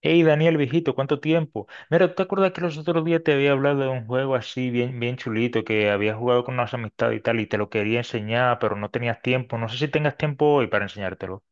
Hey Daniel, viejito, ¿cuánto tiempo? Mira, ¿tú te acuerdas que los otros días te había hablado de un juego así bien, bien chulito que había jugado con unas amistades y tal y te lo quería enseñar, pero no tenías tiempo? No sé si tengas tiempo hoy para enseñártelo.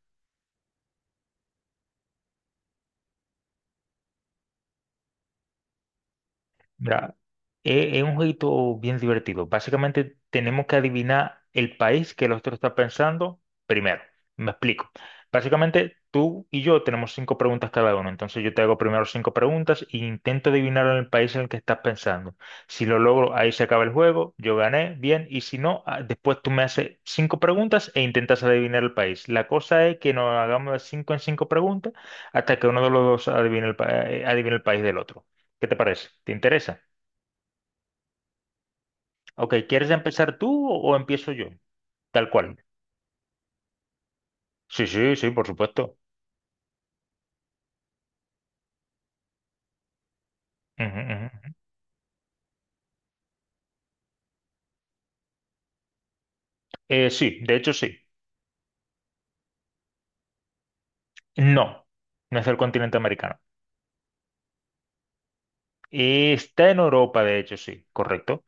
Mira, es un jueguito bien divertido. Básicamente tenemos que adivinar el país que el otro está pensando primero. Me explico. Básicamente tú y yo tenemos cinco preguntas cada uno. Entonces yo te hago primero cinco preguntas e intento adivinar el país en el que estás pensando. Si lo logro, ahí se acaba el juego. Yo gané, bien. Y si no, ah, después tú me haces cinco preguntas e intentas adivinar el país. La cosa es que nos hagamos de cinco en cinco preguntas hasta que uno de los dos adivine el país del otro. ¿Qué te parece? ¿Te interesa? Ok, ¿quieres empezar tú o empiezo yo? Tal cual. Sí, sí, sí, por supuesto. Ujú, ujú. Sí, de hecho sí. No, no es del continente americano. Está en Europa, de hecho sí, correcto.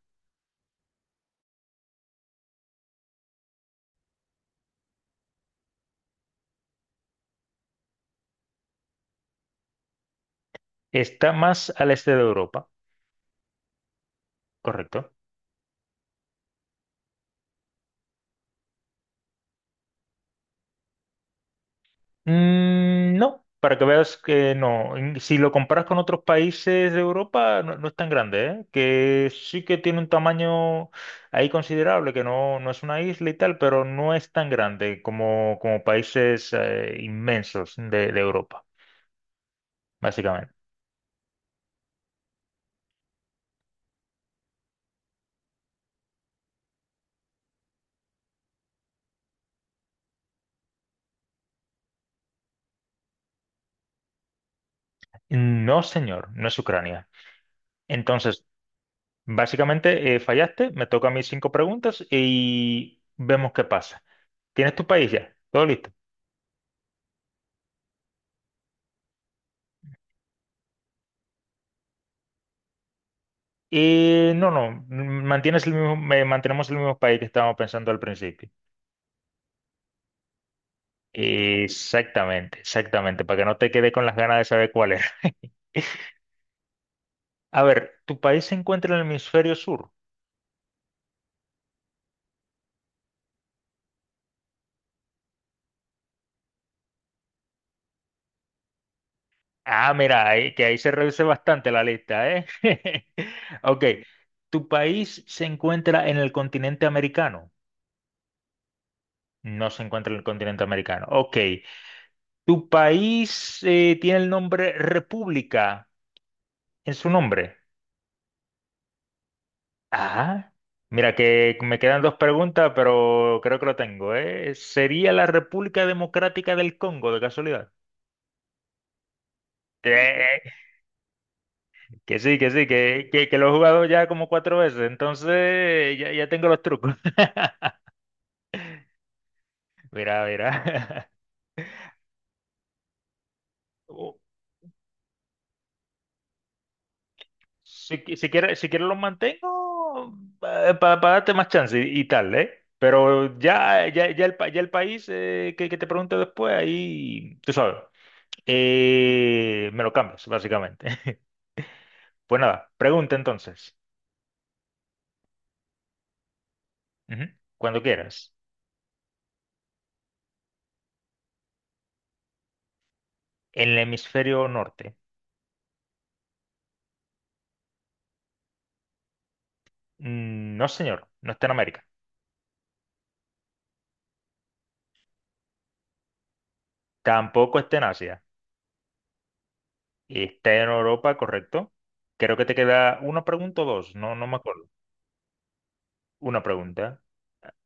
Está más al este de Europa, correcto. Mm, no, para que veas que no. Si lo comparas con otros países de Europa, no, no es tan grande, ¿eh? Que sí que tiene un tamaño ahí considerable, que no, no es una isla y tal, pero no es tan grande como países inmensos de Europa, básicamente. No, señor, no es Ucrania. Entonces, básicamente fallaste, me toca a mí cinco preguntas y vemos qué pasa. ¿Tienes tu país ya? ¿Todo listo? No, no, mantienes el mismo, mantenemos el mismo país que estábamos pensando al principio. Exactamente, exactamente, para que no te quede con las ganas de saber cuál era. A ver, ¿tu país se encuentra en el hemisferio sur? Ah, mira, que ahí se reduce bastante la lista, ¿eh? Ok, ¿tu país se encuentra en el continente americano? No se encuentra en el continente americano. Ok, ¿tu país tiene el nombre República en su nombre? Ah, mira que me quedan dos preguntas, pero creo que lo tengo, ¿eh? ¿Sería la República Democrática del Congo, de casualidad? Eh, que sí, que sí, que lo he jugado ya como cuatro veces, entonces ya, ya tengo los trucos. Mira, mira. Uh, si quieres los mantengo para darte más chance y tal, ¿eh? Pero ya, ya, ya, ya el país que te pregunte después, ahí, tú sabes, me lo cambias, básicamente. Pues nada, pregunta entonces. Ujú, cuando quieras. En el hemisferio norte. Mm, no, señor, no está en América. Tampoco está en Asia. Está en Europa, correcto. Creo que te queda una pregunta o dos, no, no me acuerdo. Una pregunta.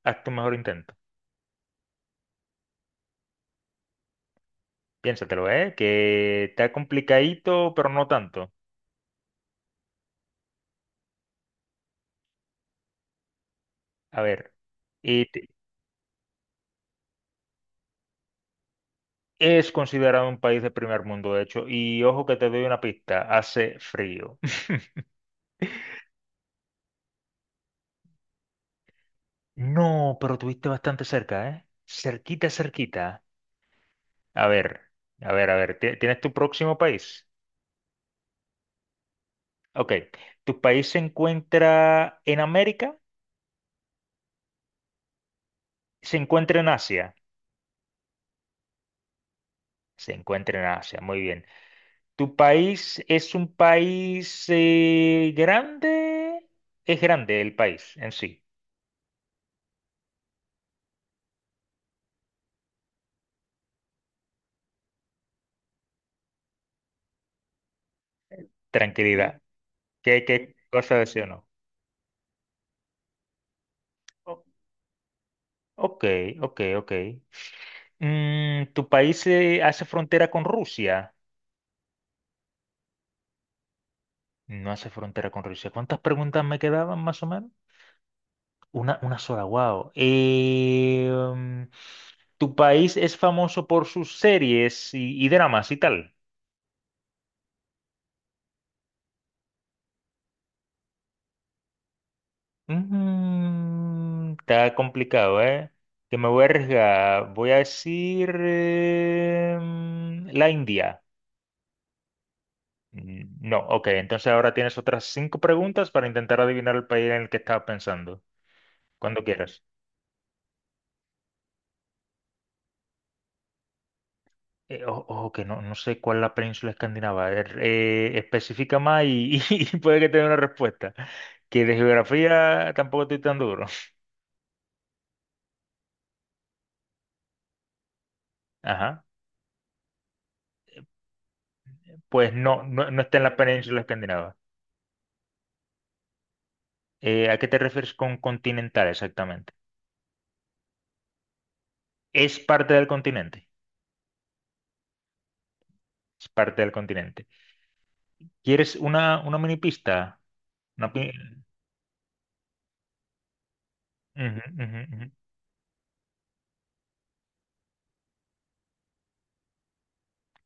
Haz tu mejor intento. Piénsatelo, ¿eh? Que está complicadito, pero no tanto. A ver, y te- es considerado un país de primer mundo, de hecho, y ojo que te doy una pista, hace frío. No, pero tuviste bastante cerca, ¿eh? Cerquita, cerquita. A ver, a ver, a ver, ¿tienes tu próximo país? Ok, ¿tu país se encuentra en América? ¿Se encuentra en Asia? Se encuentra en Asia, muy bien. ¿Tu país es un país grande? Es grande el país en sí. Tranquilidad. ¿Qué cosa decía o no? O- Ok, ok, ok. ¿Tu país hace frontera con Rusia? No hace frontera con Rusia. ¿Cuántas preguntas me quedaban más o menos? Una sola, wow. ¿Tu país es famoso por sus series y dramas y tal? Está complicado, ¿eh? Que me voy a arriesgar. Voy a decir la India. Mm, no, ok. Entonces ahora tienes otras cinco preguntas para intentar adivinar el país en el que estaba pensando. Cuando quieras. Ojo, que no, no sé cuál es la península escandinava. A Especifica más y puede que te dé una respuesta. Que de geografía tampoco estoy tan duro. Ajá. Pues no, no, no está en la península escandinava. ¿A qué te refieres con continental exactamente? Es parte del continente. Es parte del continente. ¿Quieres una mini pista? Una pi- Ujú, ujú, ujú.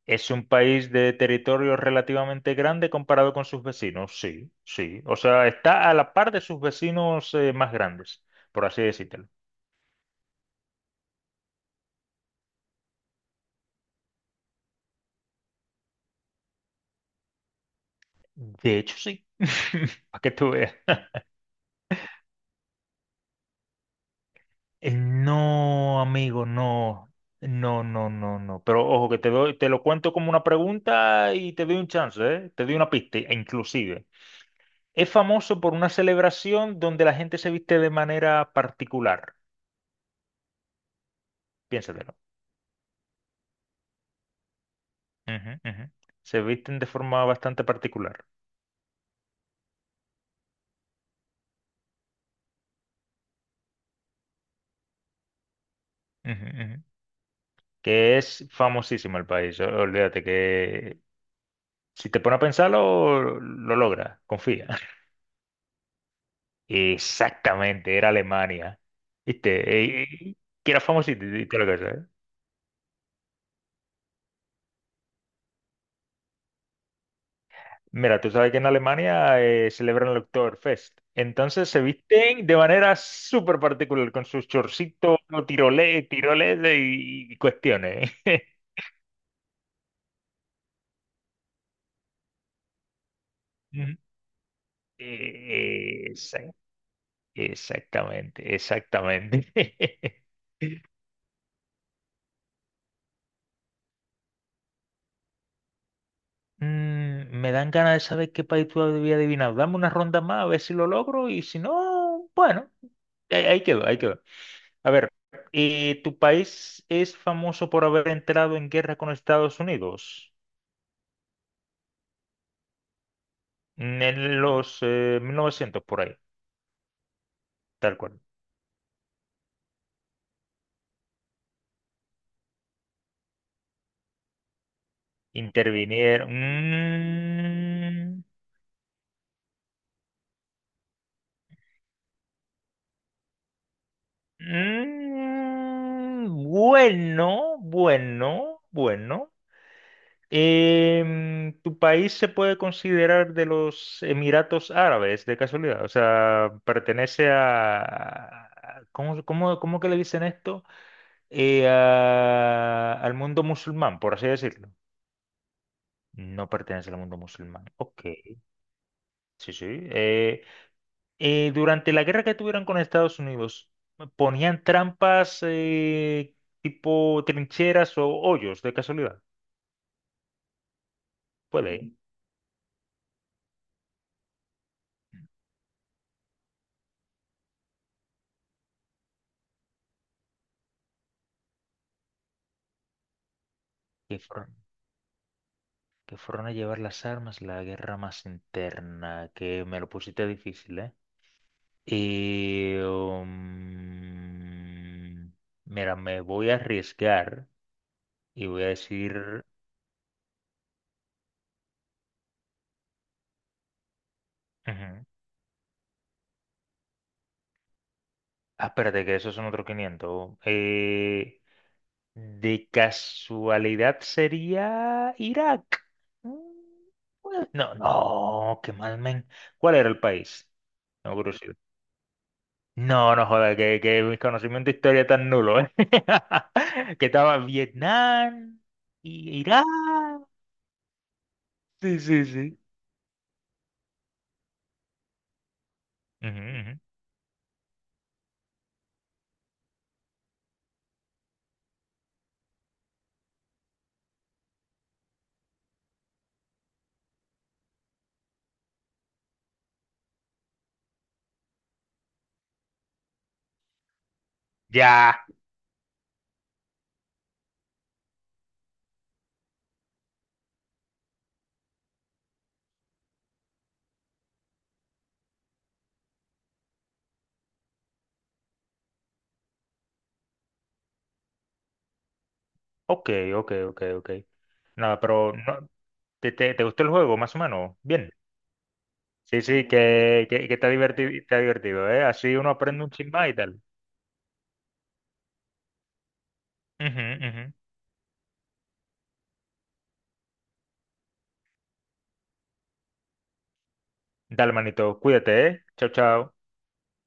Es un país de territorio relativamente grande comparado con sus vecinos, sí, sí. O sea, está a la par de sus vecinos más grandes, por así decírtelo. De hecho, sí. Para que tú veas. No, amigo, no. No, no, no, no. Pero ojo, que te doy, te lo cuento como una pregunta y te doy un chance, ¿eh? Te doy una pista, e inclusive. Es famoso por una celebración donde la gente se viste de manera particular. Piénsatelo. Ujú, ujú. Se visten de forma bastante particular, ujú, ujú, que es famosísimo el país. Olvídate que si te pones a pensarlo, lo logras, confía. Exactamente, era Alemania. ¿Viste? Eh, eh, que era famosito y todo lo que sea, ¿eh? Mira, tú sabes que en Alemania celebran el Oktoberfest. Entonces se visten de manera súper particular, con sus chorcitos, tiroles, tiroles y cuestiones. Ujú. Eh, Exactamente, exactamente. Me dan ganas de saber qué país tú habías adivinado. Dame una ronda más a ver si lo logro y si no, bueno, ahí, ahí quedó, ahí quedó. A ver, ¿tu país es famoso por haber entrado en guerra con Estados Unidos? En los 1900 por ahí, tal cual. Intervinieron. Mm, mm, bueno, bueno, bueno. ¿Tu país se puede considerar de los Emiratos Árabes, de casualidad? O sea, pertenece a... ¿Cómo que le dicen esto? Al mundo musulmán, por así decirlo. No pertenece al mundo musulmán. Ok, sí, sí. Durante la guerra que tuvieron con Estados Unidos, ¿ponían trampas tipo trincheras o hoyos, de casualidad? Puede. Qué fuerte. Que fueron a llevar las armas, la guerra más interna, que me lo pusiste difícil, ¿eh? Y mira, me voy a arriesgar y voy a decir. Ujú. Ah, espérate, que esos son otros quinientos. De casualidad sería Irak. Mm, pues, no, no, qué mal, men. ¿Cuál era el país? No, no, no joda, que mi conocimiento de historia es tan nulo, ¿eh? Que estaba Vietnam, Irán. Sí, sí, sí. Ujú, ujú. Ya. Ok, ok, ok, ok. No, pero no, ¿te gustó el juego, más o menos? Bien. Sí, sí, que está divertido, ¿eh? Así uno aprende un chisme y tal. Ujú, ujú. Dale, manito, cuídate, ¿eh? Chao, chao.